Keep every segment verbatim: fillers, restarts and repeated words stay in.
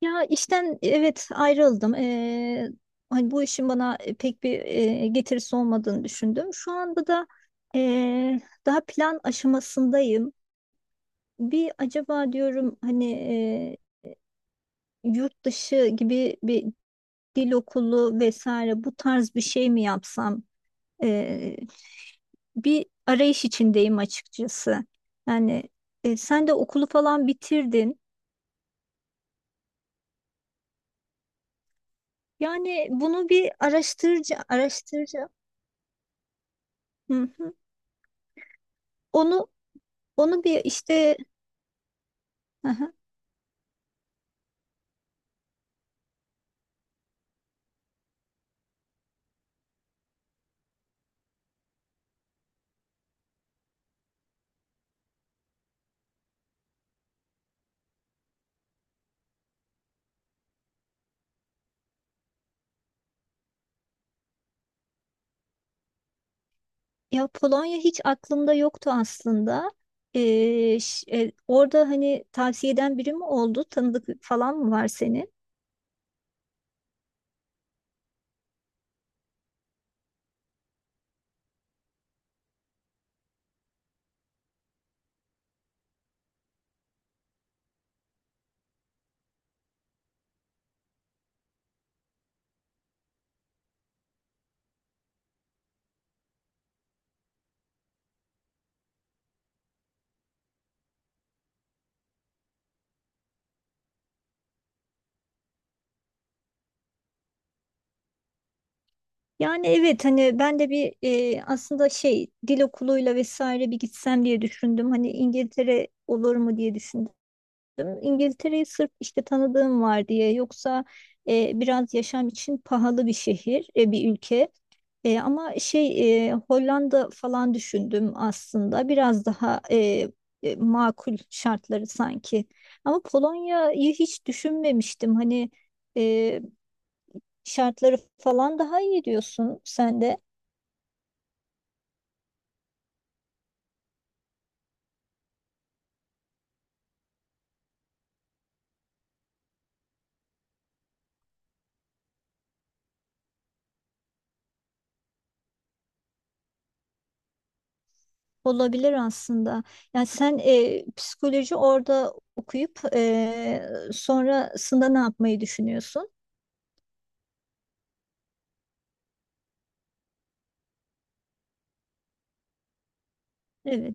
Ya işten evet ayrıldım. Ee, hani bu işin bana pek bir e, getirisi olmadığını düşündüm. Şu anda da e, daha plan aşamasındayım. Bir acaba diyorum, hani e, yurt dışı gibi bir dil okulu vesaire bu tarz bir şey mi yapsam? Ee, bir arayış içindeyim açıkçası. Yani, e, sen de okulu falan bitirdin. Yani bunu bir araştırca araştıracağım. Hı. Onu onu bir işte. Aha. Ya Polonya hiç aklımda yoktu aslında. Ee, ş- e, orada hani tavsiye eden biri mi oldu? Tanıdık falan mı var senin? Yani evet, hani ben de bir e, aslında şey dil okuluyla vesaire bir gitsem diye düşündüm. Hani İngiltere olur mu diye düşündüm. İngiltere'yi sırf işte tanıdığım var diye, yoksa e, biraz yaşam için pahalı bir şehir, e, bir ülke. E, ama şey e, Hollanda falan düşündüm aslında. Biraz daha e, e, makul şartları sanki. Ama Polonya'yı hiç düşünmemiştim. Hani e, şartları falan daha iyi diyorsun sen de. Olabilir aslında. Yani sen e, psikoloji orada okuyup e, sonrasında ne yapmayı düşünüyorsun? Evet.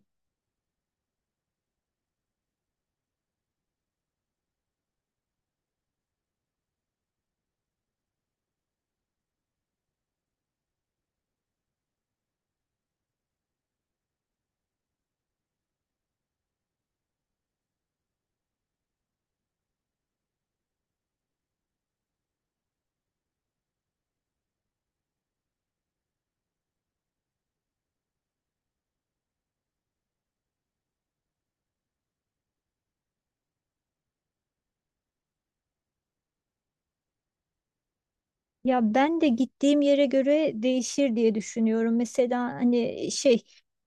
Ya ben de gittiğim yere göre değişir diye düşünüyorum. Mesela hani şey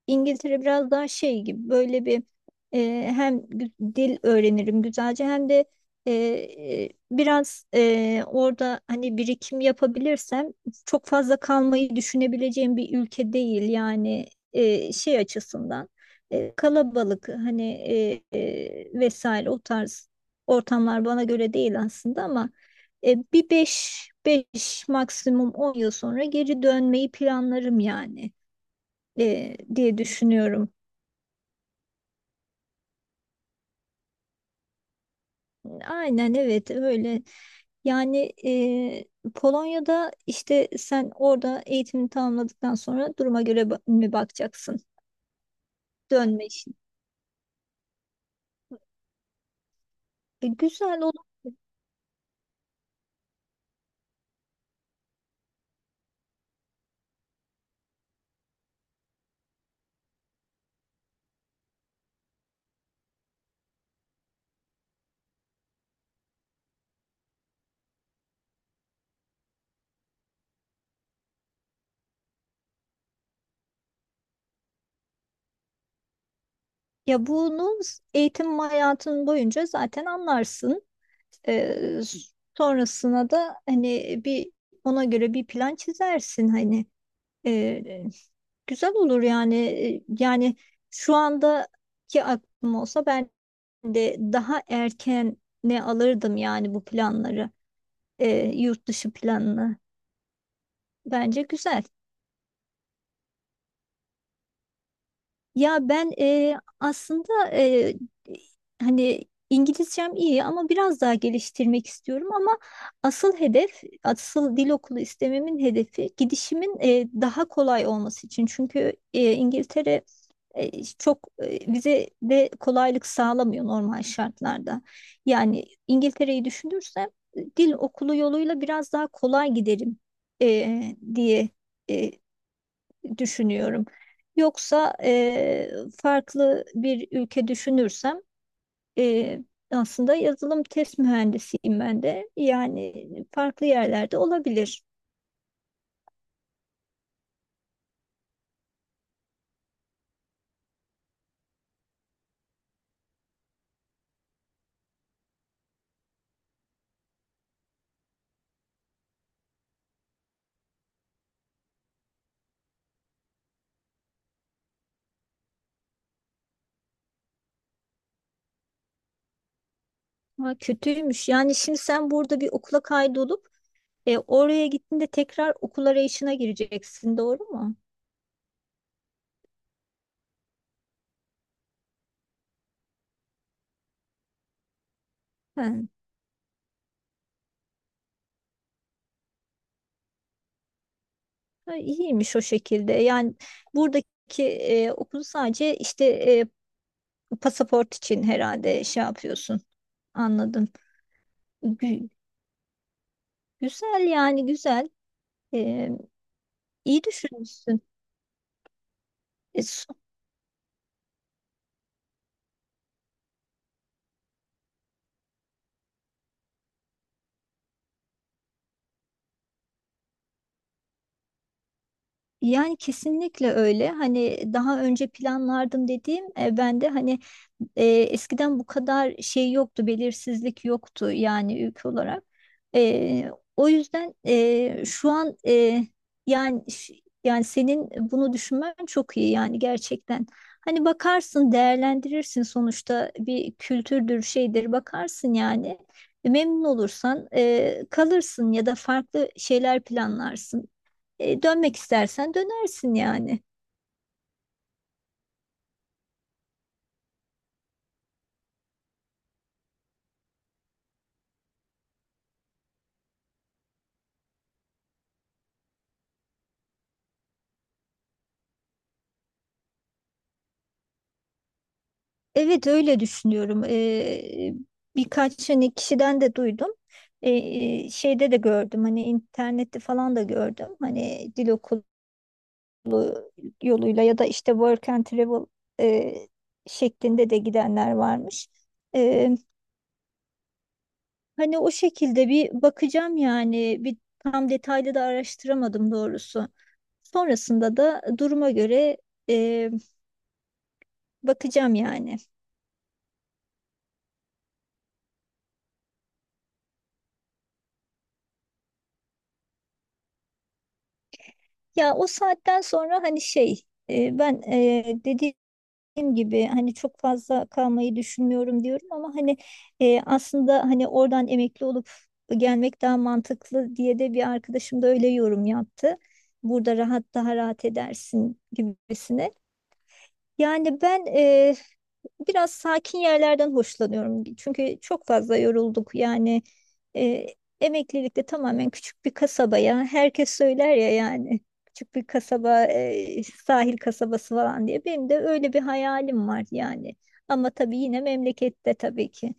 İngiltere biraz daha şey gibi, böyle bir e, hem gü- dil öğrenirim güzelce, hem de e, e, biraz e, orada hani birikim yapabilirsem, çok fazla kalmayı düşünebileceğim bir ülke değil yani, e, şey açısından e, kalabalık hani e, e, vesaire o tarz ortamlar bana göre değil aslında ama. E, bir beş beş, maksimum on yıl sonra geri dönmeyi planlarım yani, e, diye düşünüyorum. Aynen evet öyle. Yani e, Polonya'da işte sen orada eğitimini tamamladıktan sonra duruma göre ba- mi bakacaksın? Dönme işi. E, güzel olur. Ya bunu eğitim hayatın boyunca zaten anlarsın. E, sonrasına da hani bir ona göre bir plan çizersin hani. Ee, güzel olur yani. Ee, Yani şu andaki aklım olsa, ben de daha erken ne alırdım yani bu planları. Ee, yurt dışı planını. Bence güzel. Ya ben e, aslında e, hani İngilizcem iyi, ama biraz daha geliştirmek istiyorum, ama asıl hedef, asıl dil okulu istememin hedefi, gidişimin e, daha kolay olması için. Çünkü e, İngiltere e, çok e, vize de kolaylık sağlamıyor normal şartlarda. Yani İngiltere'yi düşünürsem e, dil okulu yoluyla biraz daha kolay giderim e, diye e, düşünüyorum. Yoksa e, farklı bir ülke düşünürsem, e, aslında yazılım test mühendisiyim ben de. Yani farklı yerlerde olabilir. Ha, kötüymüş. Yani şimdi sen burada bir okula kaydolup e, oraya gittiğinde tekrar okul arayışına gireceksin, doğru mu? He. Ha, iyiymiş o şekilde. Yani buradaki e, okulu sadece işte e, pasaport için herhalde şey yapıyorsun. Anladım. Gü- güzel yani, güzel. Ee, iyi düşünmüşsün. E, Yani kesinlikle öyle. Hani daha önce planlardım dediğim, e, ben de hani e, eskiden bu kadar şey yoktu, belirsizlik yoktu yani ülke olarak. E, o yüzden e, şu an, e, yani ş- yani senin bunu düşünmen çok iyi yani, gerçekten. Hani bakarsın, değerlendirirsin, sonuçta bir kültürdür, şeydir, bakarsın yani. E, Memnun olursan e, kalırsın, ya da farklı şeyler planlarsın. E, dönmek istersen dönersin yani. Evet, öyle düşünüyorum. E, birkaç hani kişiden de duydum. E, şeyde de gördüm, hani internette falan da gördüm. Hani dil okulu yoluyla, ya da işte work and travel e, şeklinde de gidenler varmış. E, hani o şekilde bir bakacağım yani, bir tam detaylı da araştıramadım doğrusu. Sonrasında da duruma göre e, bakacağım yani. Ya, o saatten sonra hani şey, e, ben e, dediğim gibi hani çok fazla kalmayı düşünmüyorum diyorum, ama hani e, aslında hani oradan emekli olup gelmek daha mantıklı diye de, bir arkadaşım da öyle yorum yaptı. Burada rahat daha rahat edersin gibisine. Yani ben e, biraz sakin yerlerden hoşlanıyorum. Çünkü çok fazla yorulduk. Yani e, emeklilikte tamamen küçük bir kasabaya, herkes söyler ya yani, küçük bir kasaba, e, sahil kasabası falan diye. Benim de öyle bir hayalim var yani. Ama tabii yine memlekette, tabii ki.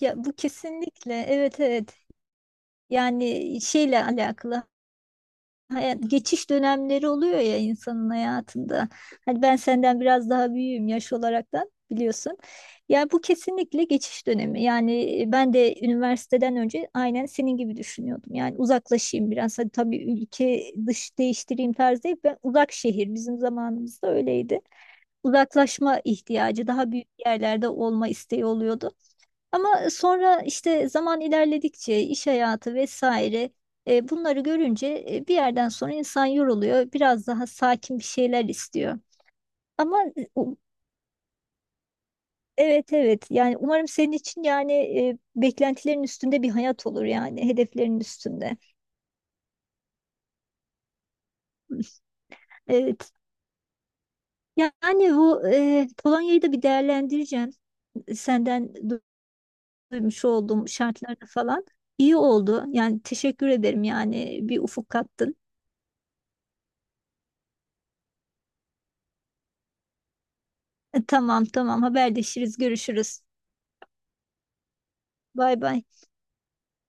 Ya bu kesinlikle, evet, evet. Yani şeyle alakalı hayat- geçiş dönemleri oluyor ya insanın hayatında. Hani ben senden biraz daha büyüğüm yaş olaraktan, biliyorsun. Yani bu kesinlikle geçiş dönemi. Yani e, ben de üniversiteden önce aynen senin gibi düşünüyordum. Yani uzaklaşayım biraz. Hadi tabii ülke dış değiştireyim tarzı değil. Ben uzak şehir, bizim zamanımızda öyleydi. Uzaklaşma ihtiyacı, daha büyük yerlerde olma isteği oluyordu. Ama e, sonra işte zaman ilerledikçe, iş hayatı vesaire, e, bunları görünce e, bir yerden sonra insan yoruluyor. Biraz daha sakin bir şeyler istiyor. Ama e, u- evet, evet, yani umarım senin için, yani e, beklentilerin üstünde bir hayat olur, yani hedeflerin üstünde. Evet. Yani bu, e, Polonya'yı da bir değerlendireceğim. Senden du- duymuş olduğum şartlarda falan. İyi oldu. Yani teşekkür ederim, yani bir ufuk kattın. E, Tamam, tamam, haberleşiriz, görüşürüz. Bay bay.